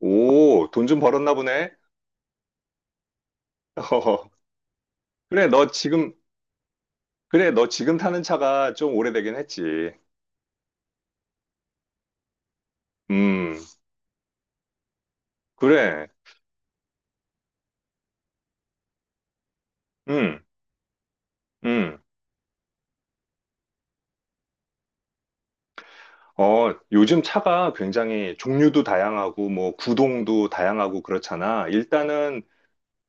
오, 돈 좀 벌었나 보네. 어, 그래, 너 지금, 그래, 너 지금 타는 차가 좀 오래되긴 했지. 음, 그래, 음, 음. 어, 요즘 차가 굉장히 종류도 다양하고, 뭐, 구동도 다양하고 그렇잖아. 일단은,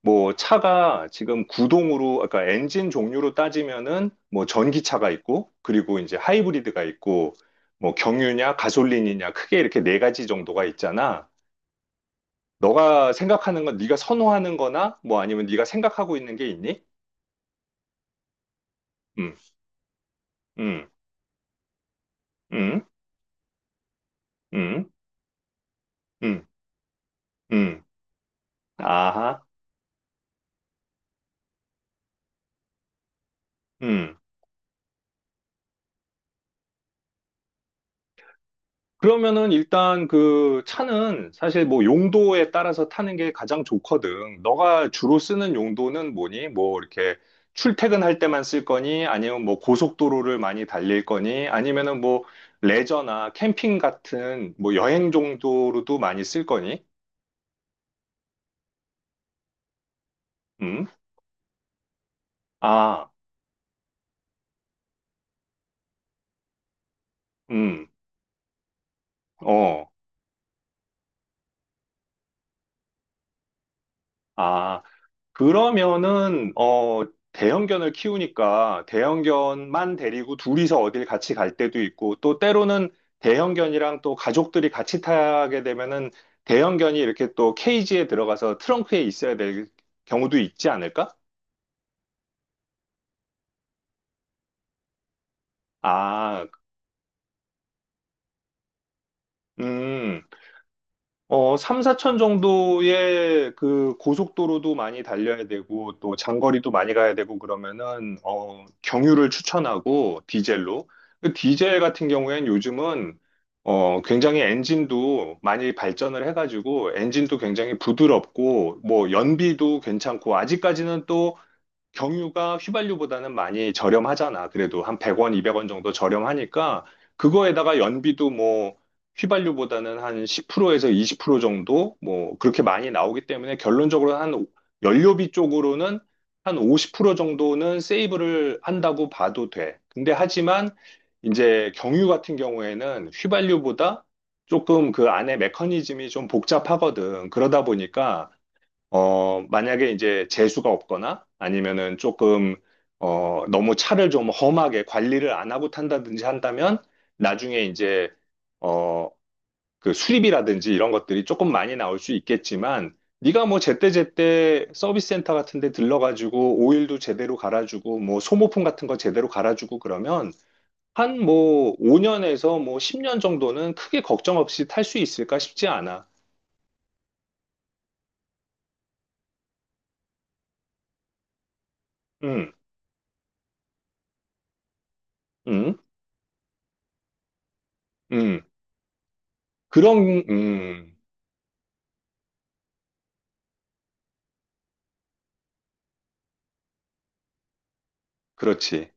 뭐, 차가 지금 구동으로, 아까 엔진 종류로 따지면은, 뭐, 전기차가 있고, 그리고 이제 하이브리드가 있고, 뭐, 경유냐, 가솔린이냐, 크게 이렇게 네 가지 정도가 있잖아. 너가 생각하는 건 네가 선호하는 거나 뭐 아니면 네가 생각하고 있는 게 있니? 음, 음, 음, 음, 음, 음. 아하, 음. 그러면은 일단 그 차는 사실 뭐 용도에 따라서 타는 게 가장 좋거든. 너가 주로 쓰는 용도는 뭐니? 뭐 이렇게 출퇴근할 때만 쓸 거니? 아니면 뭐 고속도로를 많이 달릴 거니? 아니면은 뭐 레저나 캠핑 같은 뭐 여행 정도로도 많이 쓸 거니? 음? 아, 음. 어. 아, 그러면은, 어, 대형견을 키우니까 대형견만 데리고 둘이서 어딜 같이 갈 때도 있고, 또 때로는 대형견이랑 또 가족들이 같이 타게 되면은 대형견이 이렇게 또 케이지에 들어가서 트렁크에 있어야 될 경우도 있지 않을까? 아, 음. 어, 3, 4천 정도의 그 고속도로도 많이 달려야 되고 또 장거리도 많이 가야 되고 그러면은 어, 경유를 추천하고 디젤로. 그 디젤 같은 경우에는 요즘은 어, 굉장히 엔진도 많이 발전을 해가지고 엔진도 굉장히 부드럽고 뭐 연비도 괜찮고 아직까지는 또 경유가 휘발유보다는 많이 저렴하잖아. 그래도 한 100원, 200원 정도 저렴하니까 그거에다가 연비도 뭐 휘발유보다는 한 10%에서 20% 정도 뭐 그렇게 많이 나오기 때문에 결론적으로 연료비 쪽으로는 한 50% 정도는 세이브를 한다고 봐도 돼. 근데 하지만 이제 경유 같은 경우에는 휘발유보다 조금 그 안에 메커니즘이 좀 복잡하거든. 그러다 보니까 어, 만약에 이제 재수가 없거나 아니면은 조금, 어, 너무 차를 좀 험하게 관리를 안 하고 탄다든지 한다면 나중에 이제, 어, 그 수리비라든지 이런 것들이 조금 많이 나올 수 있겠지만 네가 뭐 제때제때 서비스 센터 같은 데 들러가지고 오일도 제대로 갈아주고 뭐 소모품 같은 거 제대로 갈아주고 그러면 한 뭐 5년에서 뭐 10년 정도는 크게 걱정 없이 탈 수 있을까 싶지 않아. 음, 음, 음. 그런, 그렇지.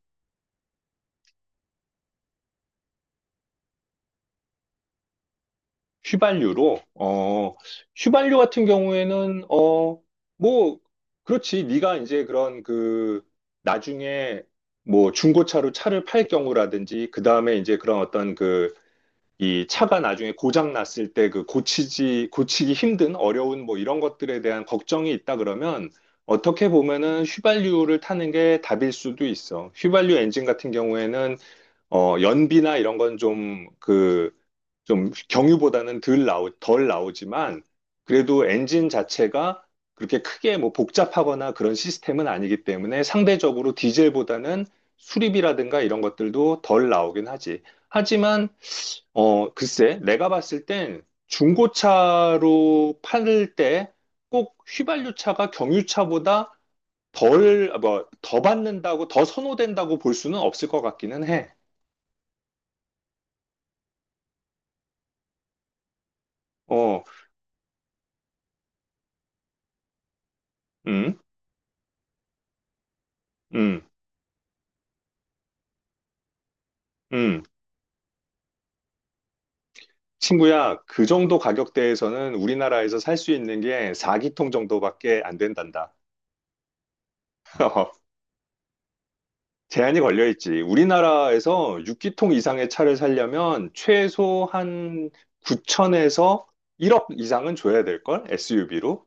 휘발유로, 어, 휘발유 같은 경우에는, 어, 뭐, 그렇지. 네가 이제 그런 그, 나중에 뭐 중고차로 차를 팔 경우라든지, 그 다음에 이제 그런 어떤 그, 이 차가 나중에 고장 났을 때 그 고치기 힘든 어려운 뭐 이런 것들에 대한 걱정이 있다 그러면 어떻게 보면은 휘발유를 타는 게 답일 수도 있어. 휘발유 엔진 같은 경우에는 어, 연비나 이런 건 좀, 그, 좀 경유보다는 덜 나오지만, 그래도 엔진 자체가 그렇게 크게 뭐 복잡하거나 그런 시스템은 아니기 때문에 상대적으로 디젤보다는 수리비라든가 이런 것들도 덜 나오긴 하지. 하지만, 어, 글쎄, 내가 봤을 땐 중고차로 팔을 때 꼭 휘발유차가 경유차보다 덜, 뭐, 더 받는다고, 더 선호된다고 볼 수는 없을 것 같기는 해. 어, 음, 음, 음. 친구야, 그 정도 가격대에서는 우리나라에서 살 수 있는 게 4기통 정도밖에 안 된단다. 제한이 걸려 있지. 우리나라에서 6기통 이상의 차를 살려면 최소 한 9천에서 1억 이상은 줘야 될걸? SUV로?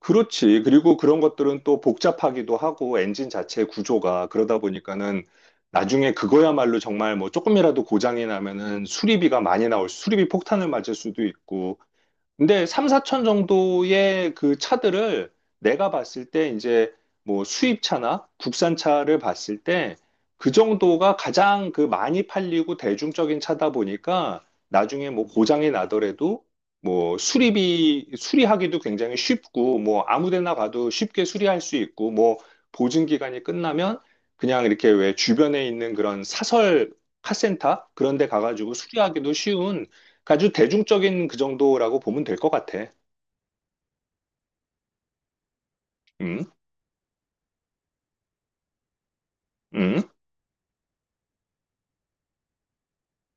그렇지. 그리고 그런 것들은 또 복잡하기도 하고 엔진 자체 구조가 그러다 보니까는 나중에 그거야말로 정말 뭐 조금이라도 고장이 나면은 수리비가 많이 나올, 수리비 폭탄을 맞을 수도 있고 근데 3, 4천 정도의 그 차들을 내가 봤을 때 이제 뭐 수입차나 국산차를 봤을 때 그 정도가 가장 그 많이 팔리고 대중적인 차다 보니까 나중에 뭐 고장이 나더라도 뭐 수리비, 수리하기도 굉장히 쉽고 뭐 아무 데나 가도 쉽게 수리할 수 있고 뭐 보증 기간이 끝나면 그냥 이렇게 왜 주변에 있는 그런 사설 카센터 그런 데 가가지고 수리하기도 쉬운 아주 대중적인 그 정도라고 보면 될 것 같아. 음, 음,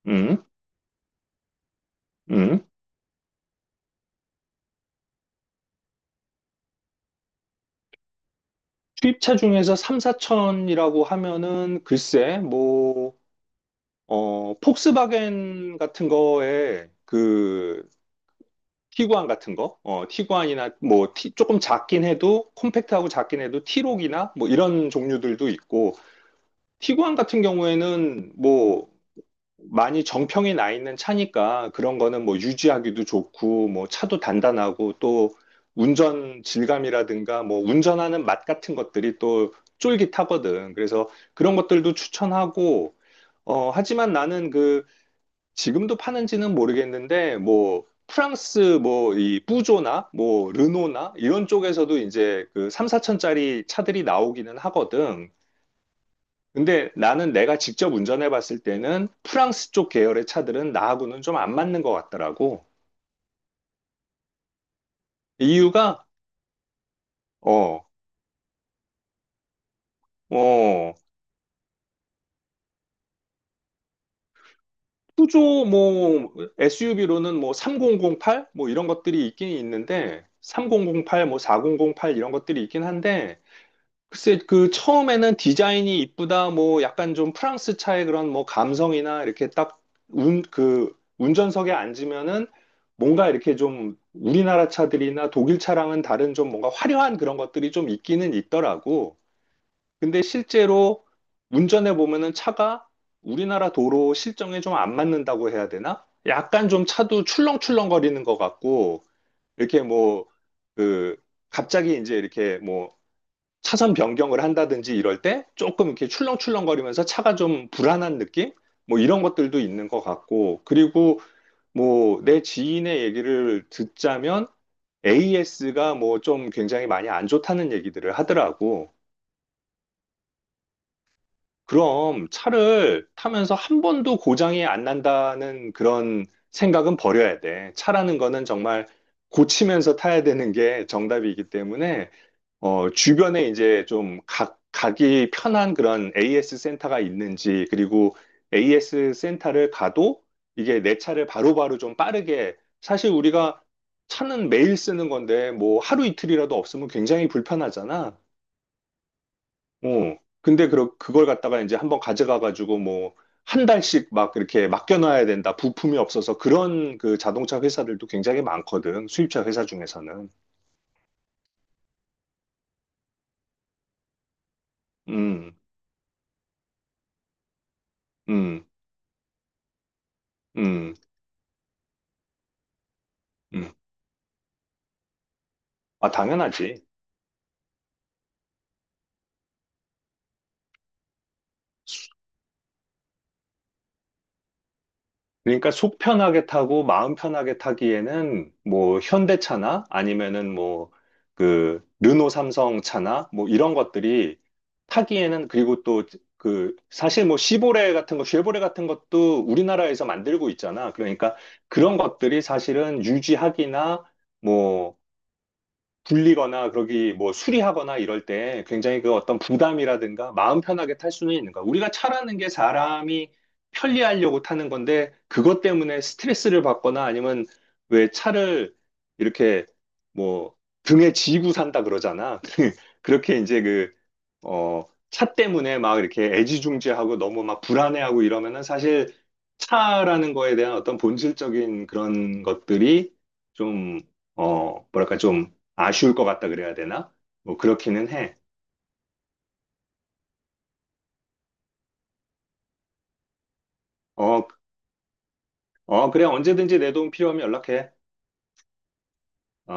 음, 음. 수입차 중에서 3, 4천이라고 하면은 글쎄, 뭐, 어, 폭스바겐 같은 거에 그 티구안 같은 거, 어, 티구안이나 뭐 조금 작긴 해도 콤팩트하고 작긴 해도 티록이나 뭐 이런 종류들도 있고 티구안 같은 경우에는 뭐 많이 정평이 나 있는 차니까 그런 거는 뭐 유지하기도 좋고 뭐 차도 단단하고 또 운전 질감이라든가 뭐 운전하는 맛 같은 것들이 또 쫄깃하거든. 그래서 그런 것들도 추천하고 어 하지만 나는 그 지금도 파는지는 모르겠는데 뭐 프랑스 뭐 이 뿌조나 뭐 르노나 이런 쪽에서도 이제 그 3, 4천짜리 차들이 나오기는 하거든. 근데 나는 내가 직접 운전해 봤을 때는 프랑스 쪽 계열의 차들은 나하고는 좀 안 맞는 것 같더라고. 이유가, 어, 어, 푸조 뭐 SUV로는 뭐 3008? 뭐 이런 것들이 있긴 있는데, 3008, 뭐 4008 이런 것들이 있긴 한데, 글쎄, 그 처음에는 디자인이 이쁘다, 뭐 약간 좀 프랑스 차의 그런 뭐 감성이나 이렇게 딱 그 운전석에 앉으면은 뭔가 이렇게 좀 우리나라 차들이나 독일 차랑은 다른 좀 뭔가 화려한 그런 것들이 좀 있기는 있더라고. 근데 실제로 운전해 보면은 차가 우리나라 도로 실정에 좀 안 맞는다고 해야 되나? 약간 좀 차도 출렁출렁거리는 것 같고, 이렇게 뭐, 그, 갑자기 이제 이렇게 뭐, 차선 변경을 한다든지 이럴 때 조금 이렇게 출렁출렁거리면서 차가 좀 불안한 느낌? 뭐 이런 것들도 있는 것 같고, 그리고 뭐 내 지인의 얘기를 듣자면 AS가 뭐 좀 굉장히 많이 안 좋다는 얘기들을 하더라고. 그럼 차를 타면서 한 번도 고장이 안 난다는 그런 생각은 버려야 돼. 차라는 거는 정말 고치면서 타야 되는 게 정답이기 때문에 어, 주변에 이제 좀 가기 편한 그런 AS 센터가 있는지, 그리고 AS 센터를 가도 이게 내 차를 바로바로 좀 빠르게, 사실 우리가 차는 매일 쓰는 건데, 뭐 하루 이틀이라도 없으면 굉장히 불편하잖아. 어, 근데 그, 그걸 갖다가 이제 한번 가져가가지고 뭐, 한 달씩 막 이렇게 맡겨놔야 된다. 부품이 없어서 그런 그 자동차 회사들도 굉장히 많거든. 수입차 회사 중에서는. 음, 음, 음, 음. 아, 당연하지. 그러니까 속 편하게 타고 마음 편하게 타기에는 뭐 현대차나 아니면은 뭐 그 르노 삼성 차나 뭐 이런 것들이 타기에는 그리고 또 그 사실 뭐 시보레 같은 거 쉐보레 같은 것도 우리나라에서 만들고 있잖아. 그러니까 그런 것들이 사실은 유지하기나 뭐 불리거나 그러기 뭐 수리하거나 이럴 때 굉장히 그 어떤 부담이라든가 마음 편하게 탈 수는 있는 거야. 우리가 차라는 게 사람이 편리하려고 타는 건데 그것 때문에 스트레스를 받거나 아니면 왜 차를 이렇게 뭐 등에 지고 산다 그러잖아. 그렇게 이제 그 어, 차 때문에 막 이렇게 애지중지하고 너무 막 불안해하고 이러면은 사실 차라는 거에 대한 어떤 본질적인 그런 것들이 좀, 어, 뭐랄까 좀 아쉬울 것 같다 그래야 되나? 뭐 그렇기는 해. 어, 어, 그래. 언제든지 내 도움 필요하면 연락해. 어.